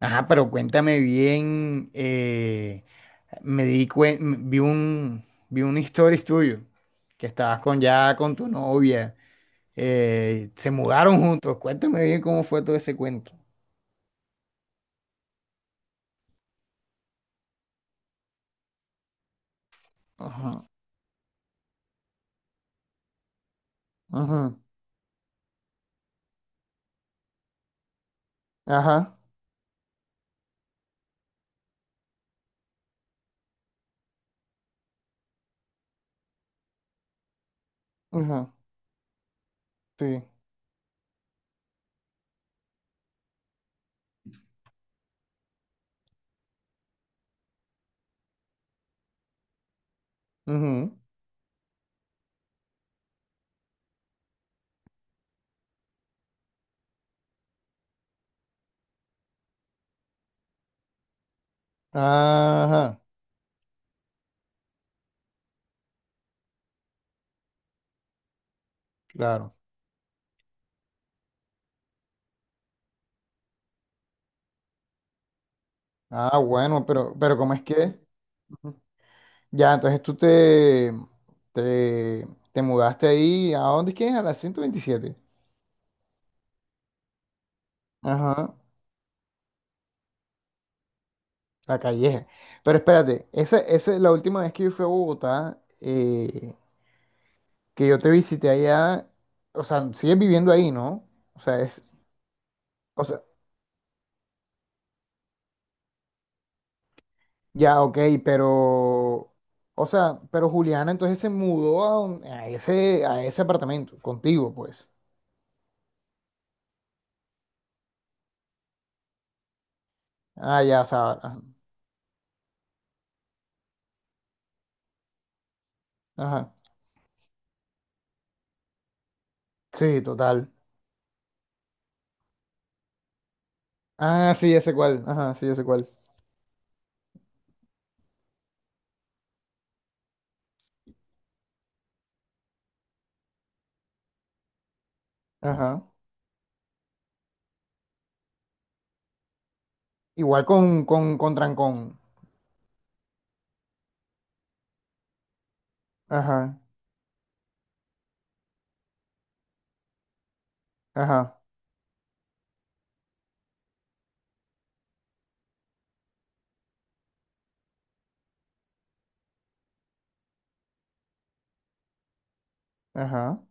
Ajá, pero cuéntame bien, me di cuen- m- vi un stories tuyo, que estabas con ya con tu novia, se mudaron juntos, cuéntame bien cómo fue todo ese cuento. Ajá, ajá, ajá, ajá, sí, ajá, ajá, claro. Ah, bueno, pero ¿cómo es que? Ujú. Ya, entonces tú te, te, te, mudaste ahí, ¿a dónde es que es? A la 127. Ajá, La Calleja. Pero espérate, esa es la última vez que yo fui a Bogotá, que yo te visité allá. O sea, sigues viviendo ahí, ¿no? O sea, es. O sea, ya, ok, pero. O sea, pero Juliana entonces se mudó a ese apartamento, contigo, pues. Ah, ya, o sea. Ajá. Ajá. Sí, total. Ah, sí, ese cual. Ajá, sí, ese cual. Ajá. Igual con trancón. Ajá, ajá, ajá.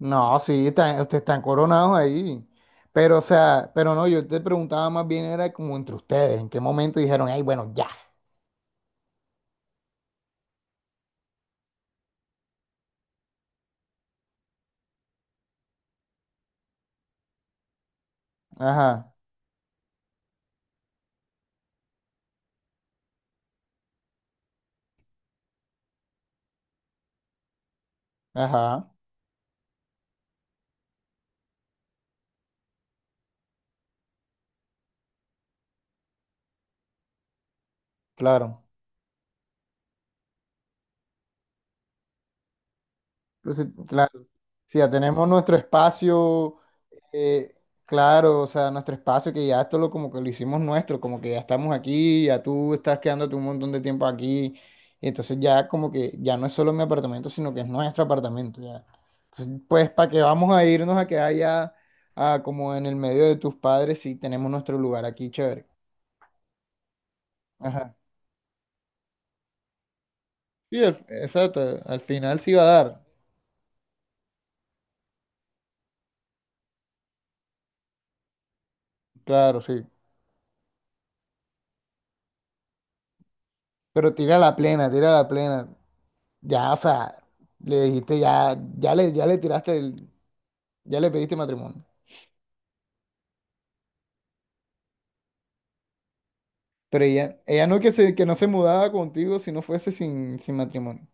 No, sí, están, ustedes están coronados ahí. Pero, o sea, pero no, yo te preguntaba más bien, era como entre ustedes, en qué momento dijeron, ay, bueno, ya. Ajá, ajá, claro. Entonces, claro, si ya tenemos nuestro espacio, eh, claro, o sea, nuestro espacio que ya esto lo como que lo hicimos nuestro, como que ya estamos aquí, ya tú estás quedándote un montón de tiempo aquí, y entonces ya como que ya no es solo mi apartamento, sino que es nuestro apartamento ya. Entonces, pues, ¿para qué vamos a irnos a quedar ya como en el medio de tus padres si tenemos nuestro lugar aquí, chévere? Ajá. Sí, exacto, al final sí va a dar, claro, sí. Pero tira la plena, tira la plena. Ya, o sea, le dijiste, ya le pediste matrimonio. Pero ella no que se, que no se mudaba contigo si no fuese sin matrimonio.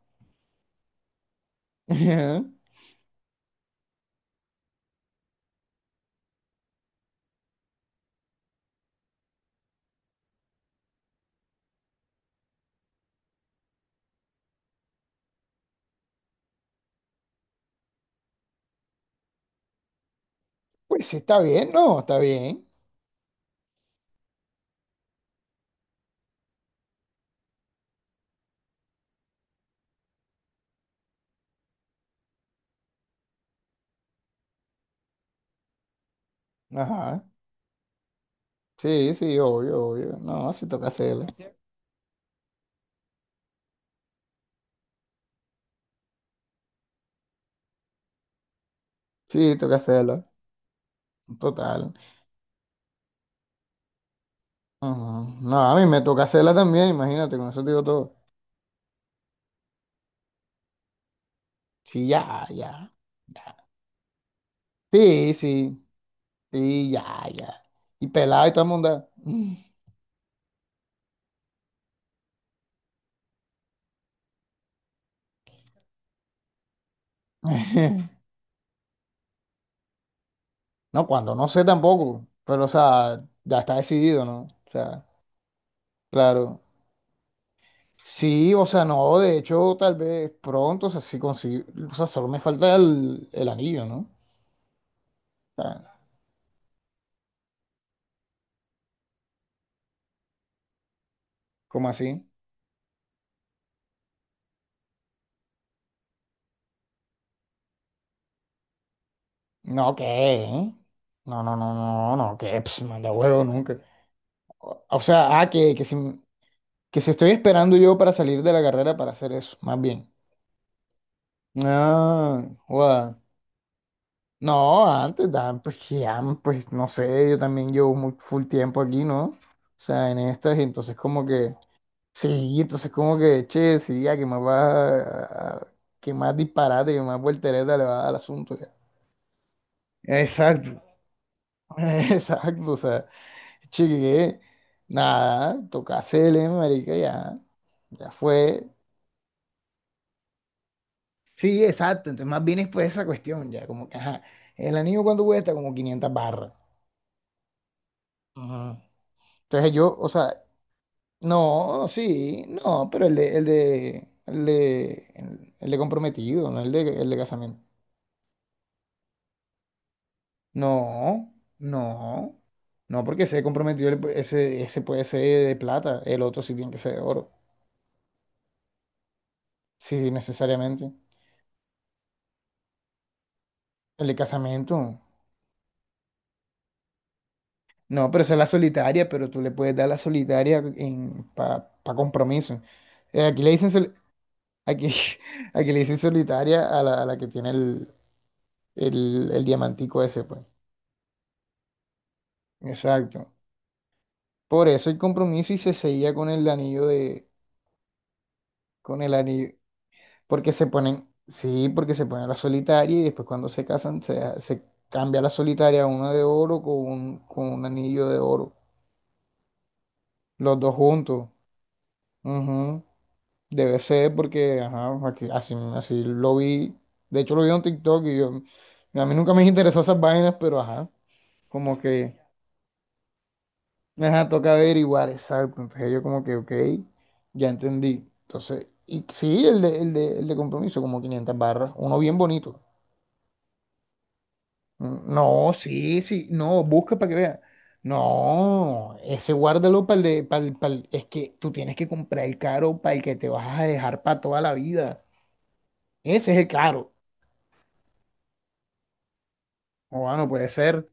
Ajá. Pues sí, está bien, no, está bien. Ajá. Sí, sí, obvio, obvio. No, sí toca hacerla. Sí, toca hacerla. Total. Ajá. No, a mí me toca hacerla también, imagínate, con eso te digo todo. Sí, ya, ya, ya. Sí, sí, sí, ya, ya. Y pelado y toda monda. No, cuando no sé tampoco, pero o sea, ya está decidido, ¿no? O sea, claro. Sí, o sea, no, de hecho, tal vez pronto, o sea, sí consigo, o sea, solo me falta el anillo, ¿no? O sea, ¿cómo así? No, ¿qué? ¿Eh? No, no, no, no, no, ¿qué? Pss, manda huevo nunca. O sea, ah, que si estoy esperando yo para salir de la carrera para hacer eso, más bien. Ah, guau. No, antes, dan, pues, ya, pues no sé, yo también llevo muy full tiempo aquí, ¿no? O sea, en estas, y entonces como que, sí, entonces como que, che, sí, ya que más va, que más disparate, que más voltereta le va a dar al asunto, ya. Exacto, exacto, o sea, che, que, nada, toca hacerle, marica, ya, ya fue. Sí, exacto, entonces más bien es pues esa cuestión, ya, como que, ajá, el anillo cuánto cuesta, como 500 barras. Ujú. Entonces yo, o sea, no, sí, no, pero el de comprometido, no el de casamiento. No, no, no, porque ese comprometido, ese puede ser de plata, el otro sí tiene que ser de oro. Sí, sí, necesariamente. El de casamiento, no, pero esa es la solitaria, pero tú le puedes dar la solitaria en, pa, pa compromiso. Aquí le dicen, aquí, aquí le dicen solitaria a la que tiene el, el diamantico ese, pues. Exacto. Por eso el compromiso y se seguía con el anillo de, con el anillo, porque se ponen, sí, porque se ponen la solitaria y después cuando se casan se, se cambia la solitaria a una de oro con un anillo de oro, los dos juntos. Ujú. Debe ser porque, ajá, aquí- así, así lo vi, de hecho lo vi en un TikTok y yo, a mí nunca me interesó esas vainas, pero ajá, como que... Ajá, toca averiguar, exacto. Entonces yo como que, ok, ya entendí. Entonces, y sí, el de compromiso, como 500 barras, uno bien bonito. Mm, no, sí, sí, no, busca para que vea. No, ese guárdalo para el de, pa'l- pa'l- es que tú tienes que comprar el caro para el que te vas a dejar para toda la vida. Ese es el caro. O no puede ser.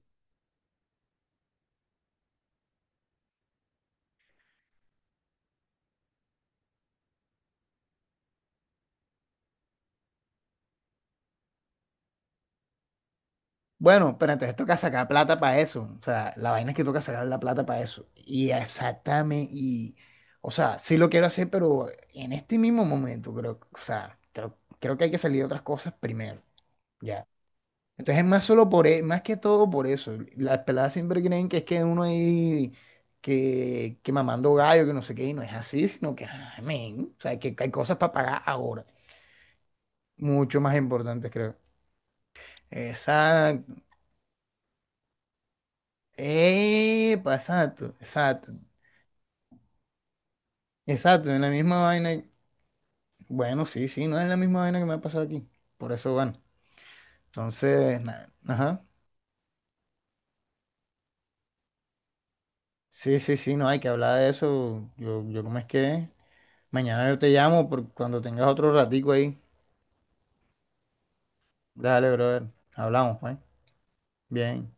Bueno, pero entonces toca sacar plata para eso. O sea, la vaina es que toca sacar la plata para eso. Y exactamente, y, o sea, sí lo quiero hacer, pero en este mismo momento, creo, o sea, creo que hay que salir de otras cosas primero, ya. Entonces es más solo por, más que todo por eso. Las peladas siempre creen que es que uno ahí, que mamando gallo, que no sé qué, y no es así, sino que, ah, men, o sea, que hay cosas para pagar ahora. Mucho más importantes, creo. Exacto. Epa, exacto, exacto, exacto, en la misma vaina. Bueno, sí, sí, no es la misma vaina que me ha pasado aquí. Por eso, bueno, entonces, nada, ajá. Sí, sí, sí, no hay que hablar de eso. Yo, ¿cómo es que? Es? Mañana yo te llamo por cuando tengas otro ratico ahí. Dale, brother. Hablamos, pues. Bien.